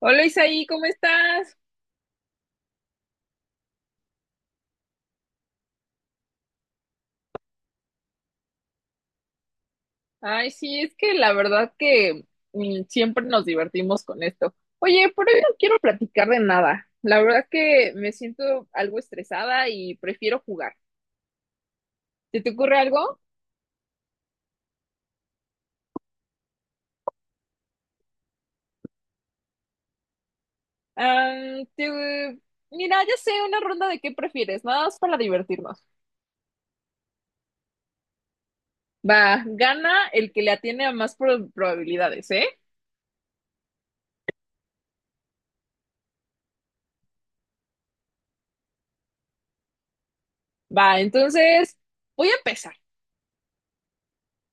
Hola Isaí, ¿cómo estás? Ay, sí, es que la verdad que siempre nos divertimos con esto. Oye, pero hoy no quiero platicar de nada. La verdad que me siento algo estresada y prefiero jugar. ¿Se te ocurre algo? Am, te- Mira, ya sé, una ronda de qué prefieres, nada más para divertirnos. Va, gana el que le atiene a más probabilidades, ¿eh? Va, entonces voy a empezar.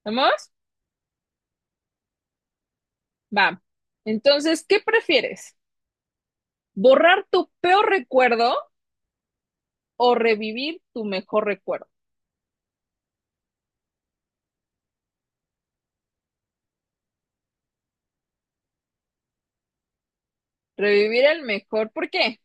¿Vamos? Va. Entonces, ¿qué prefieres? Borrar tu peor recuerdo o revivir tu mejor recuerdo. Revivir el mejor, ¿por qué?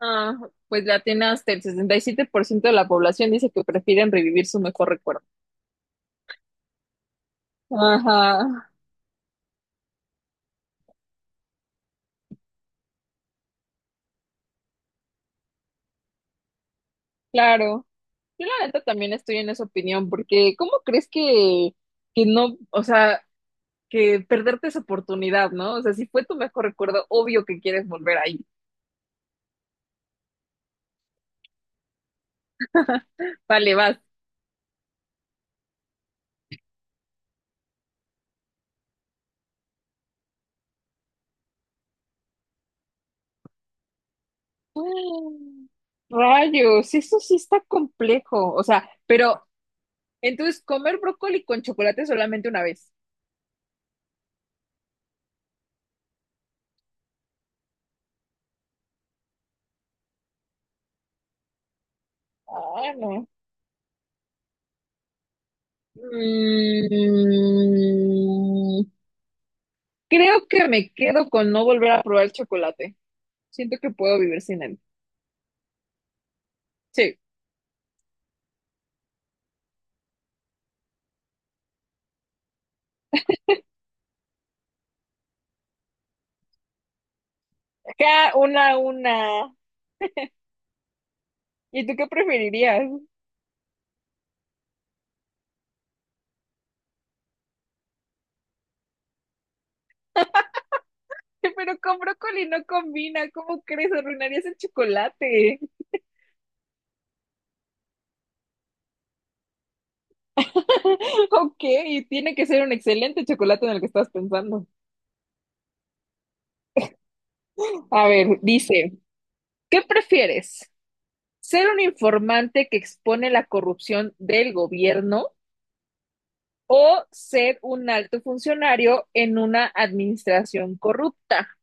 Ah, pues la tiene hasta el 67% de la población dice que prefieren revivir su mejor recuerdo. Ajá, claro. Yo la neta también estoy en esa opinión, porque ¿cómo crees que no, o sea, que perderte esa oportunidad, ¿no? O sea, si fue tu mejor recuerdo, obvio que quieres volver ahí. Vale, vas. Mm, Rayos, eso sí está complejo. O sea, pero entonces, comer brócoli con chocolate solamente una vez. Ah, no. Mm, creo que me quedo con no volver a probar chocolate. Siento que puedo vivir sin él. Sí. Acá una, a una. ¿Y tú qué preferirías? Pero con brócoli no combina. ¿Cómo crees? Arruinarías el chocolate. Ok, tiene que ser un excelente chocolate en el que estás pensando. A ver, dice, ¿qué prefieres? Ser un informante que expone la corrupción del gobierno o ser un alto funcionario en una administración corrupta.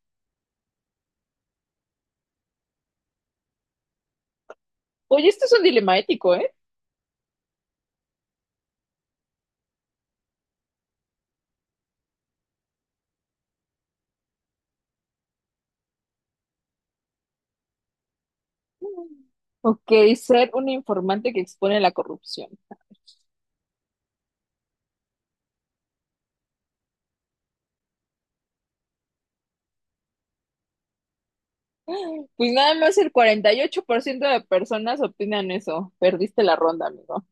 Oye, esto es un dilema ético, ¿eh? Ok, ser un informante que expone la corrupción. Pues nada más el 48% de personas opinan eso. Perdiste la ronda, amigo.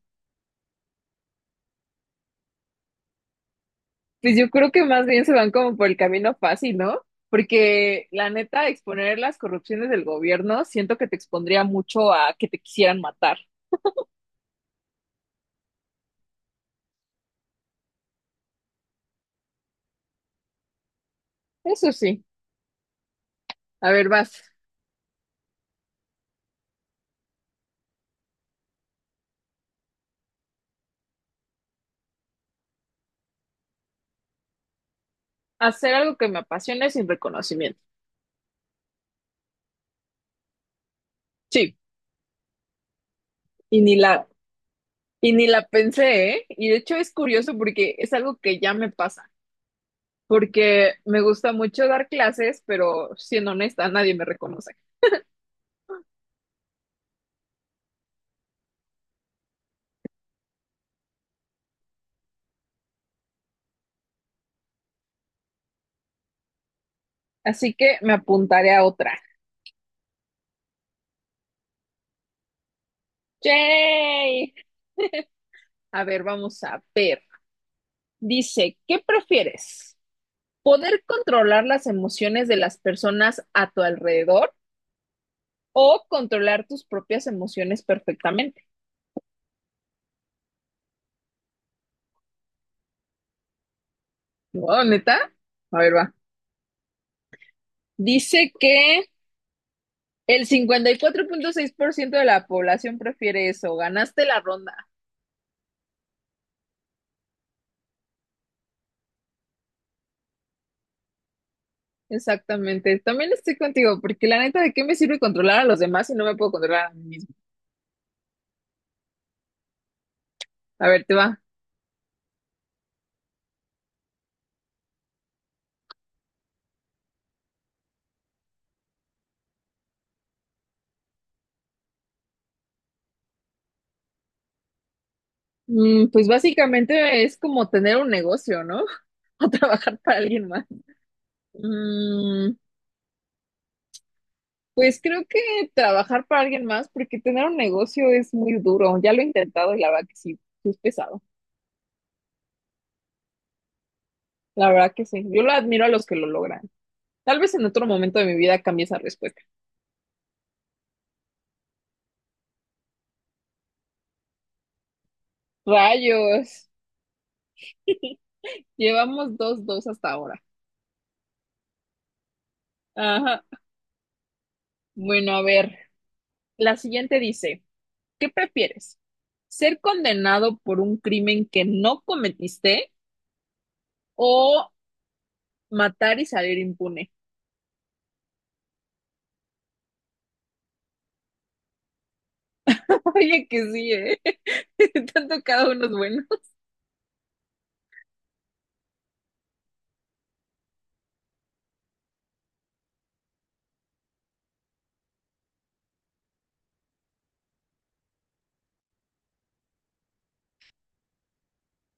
Pues yo creo que más bien se van como por el camino fácil, ¿no? Porque la neta, exponer las corrupciones del gobierno, siento que te expondría mucho a que te quisieran matar. Eso sí. A ver, vas. Hacer algo que me apasione sin reconocimiento. Sí, y ni la, y ni la pensé, ¿eh? Y de hecho es curioso porque es algo que ya me pasa. Porque me gusta mucho dar clases, pero siendo honesta, nadie me reconoce. Así que me apuntaré a otra. ¡Yay! A ver, vamos a ver. Dice, ¿qué prefieres? ¿Poder controlar las emociones de las personas a tu alrededor o controlar tus propias emociones perfectamente? Wow, neta. A ver, va. Dice que el 54.6% de la población prefiere eso. Ganaste la ronda. Exactamente. También estoy contigo, porque la neta, ¿de qué me sirve controlar a los demás si no me puedo controlar a mí mismo? A ver, te va. Pues básicamente es como tener un negocio, ¿no? O trabajar para alguien más. Mm, Pues creo que trabajar para alguien más, porque tener un negocio es muy duro. Ya lo he intentado y la verdad que sí, sí es pesado. La verdad que sí. Yo lo admiro a los que lo logran. Tal vez en otro momento de mi vida cambie esa respuesta. Rayos. Llevamos dos, dos hasta ahora. Ajá. Bueno, a ver. La siguiente dice, ¿qué prefieres? ¿Ser condenado por un crimen que no cometiste o matar y salir impune? Oye, que sí, ¿eh? Tanto cada uno es bueno.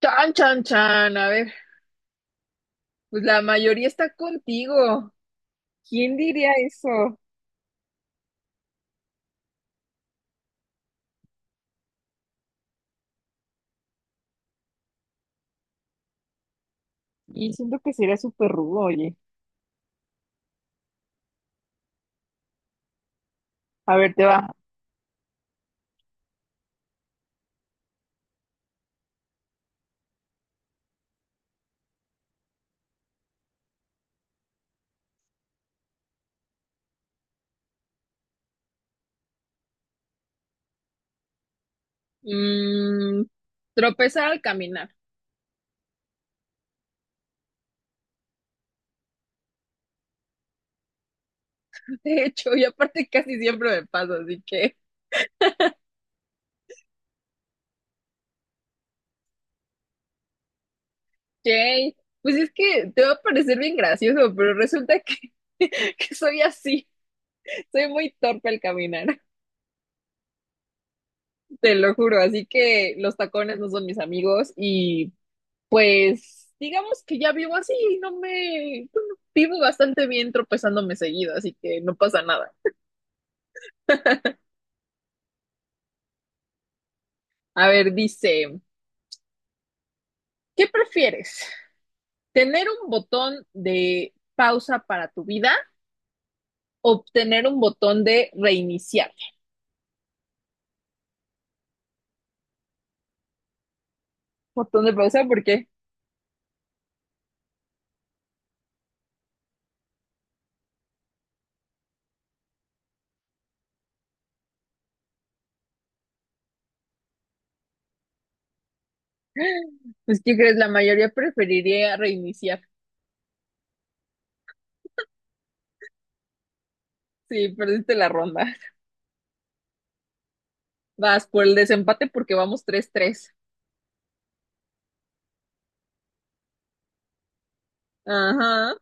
Chan, chan, chan. A ver, pues la mayoría está contigo. ¿Quién diría eso? Y siento que sería súper rudo, oye. A ver, te va. Mm, tropezar al caminar. De hecho, y aparte casi siempre me pasa, así que. Yay. Pues es que te va a parecer bien gracioso, pero resulta que, que soy así. Soy muy torpe al caminar, te lo juro. Así que los tacones no son mis amigos y pues digamos que ya vivo así, no me bueno, vivo bastante bien tropezándome seguido, así que no pasa nada. A ver, dice, ¿qué prefieres? ¿Tener un botón de pausa para tu vida o tener un botón de reiniciar? Botón de pausa, ¿por qué? Pues, ¿qué crees? La mayoría preferiría reiniciar. Sí, perdiste la ronda. Vas por el desempate porque vamos 3-3. Ajá.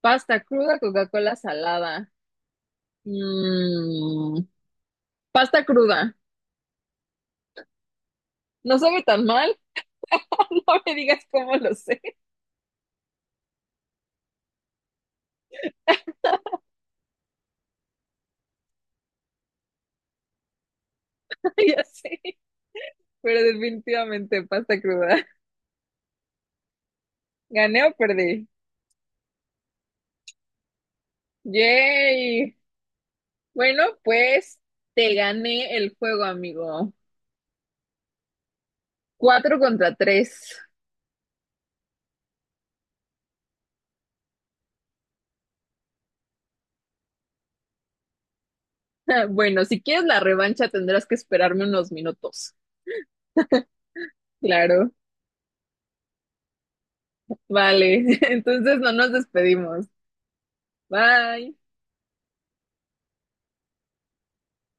Pasta cruda, Coca-Cola salada. Mm, Pasta cruda. No sabe tan mal. No me digas cómo lo sé. Ya sé. Pero definitivamente pasta cruda. ¿Gané o perdí? Yay. Bueno, pues te gané el juego, amigo. 4-3. Bueno, si quieres la revancha tendrás que esperarme unos minutos. Claro. Vale. Entonces no nos despedimos. Bye.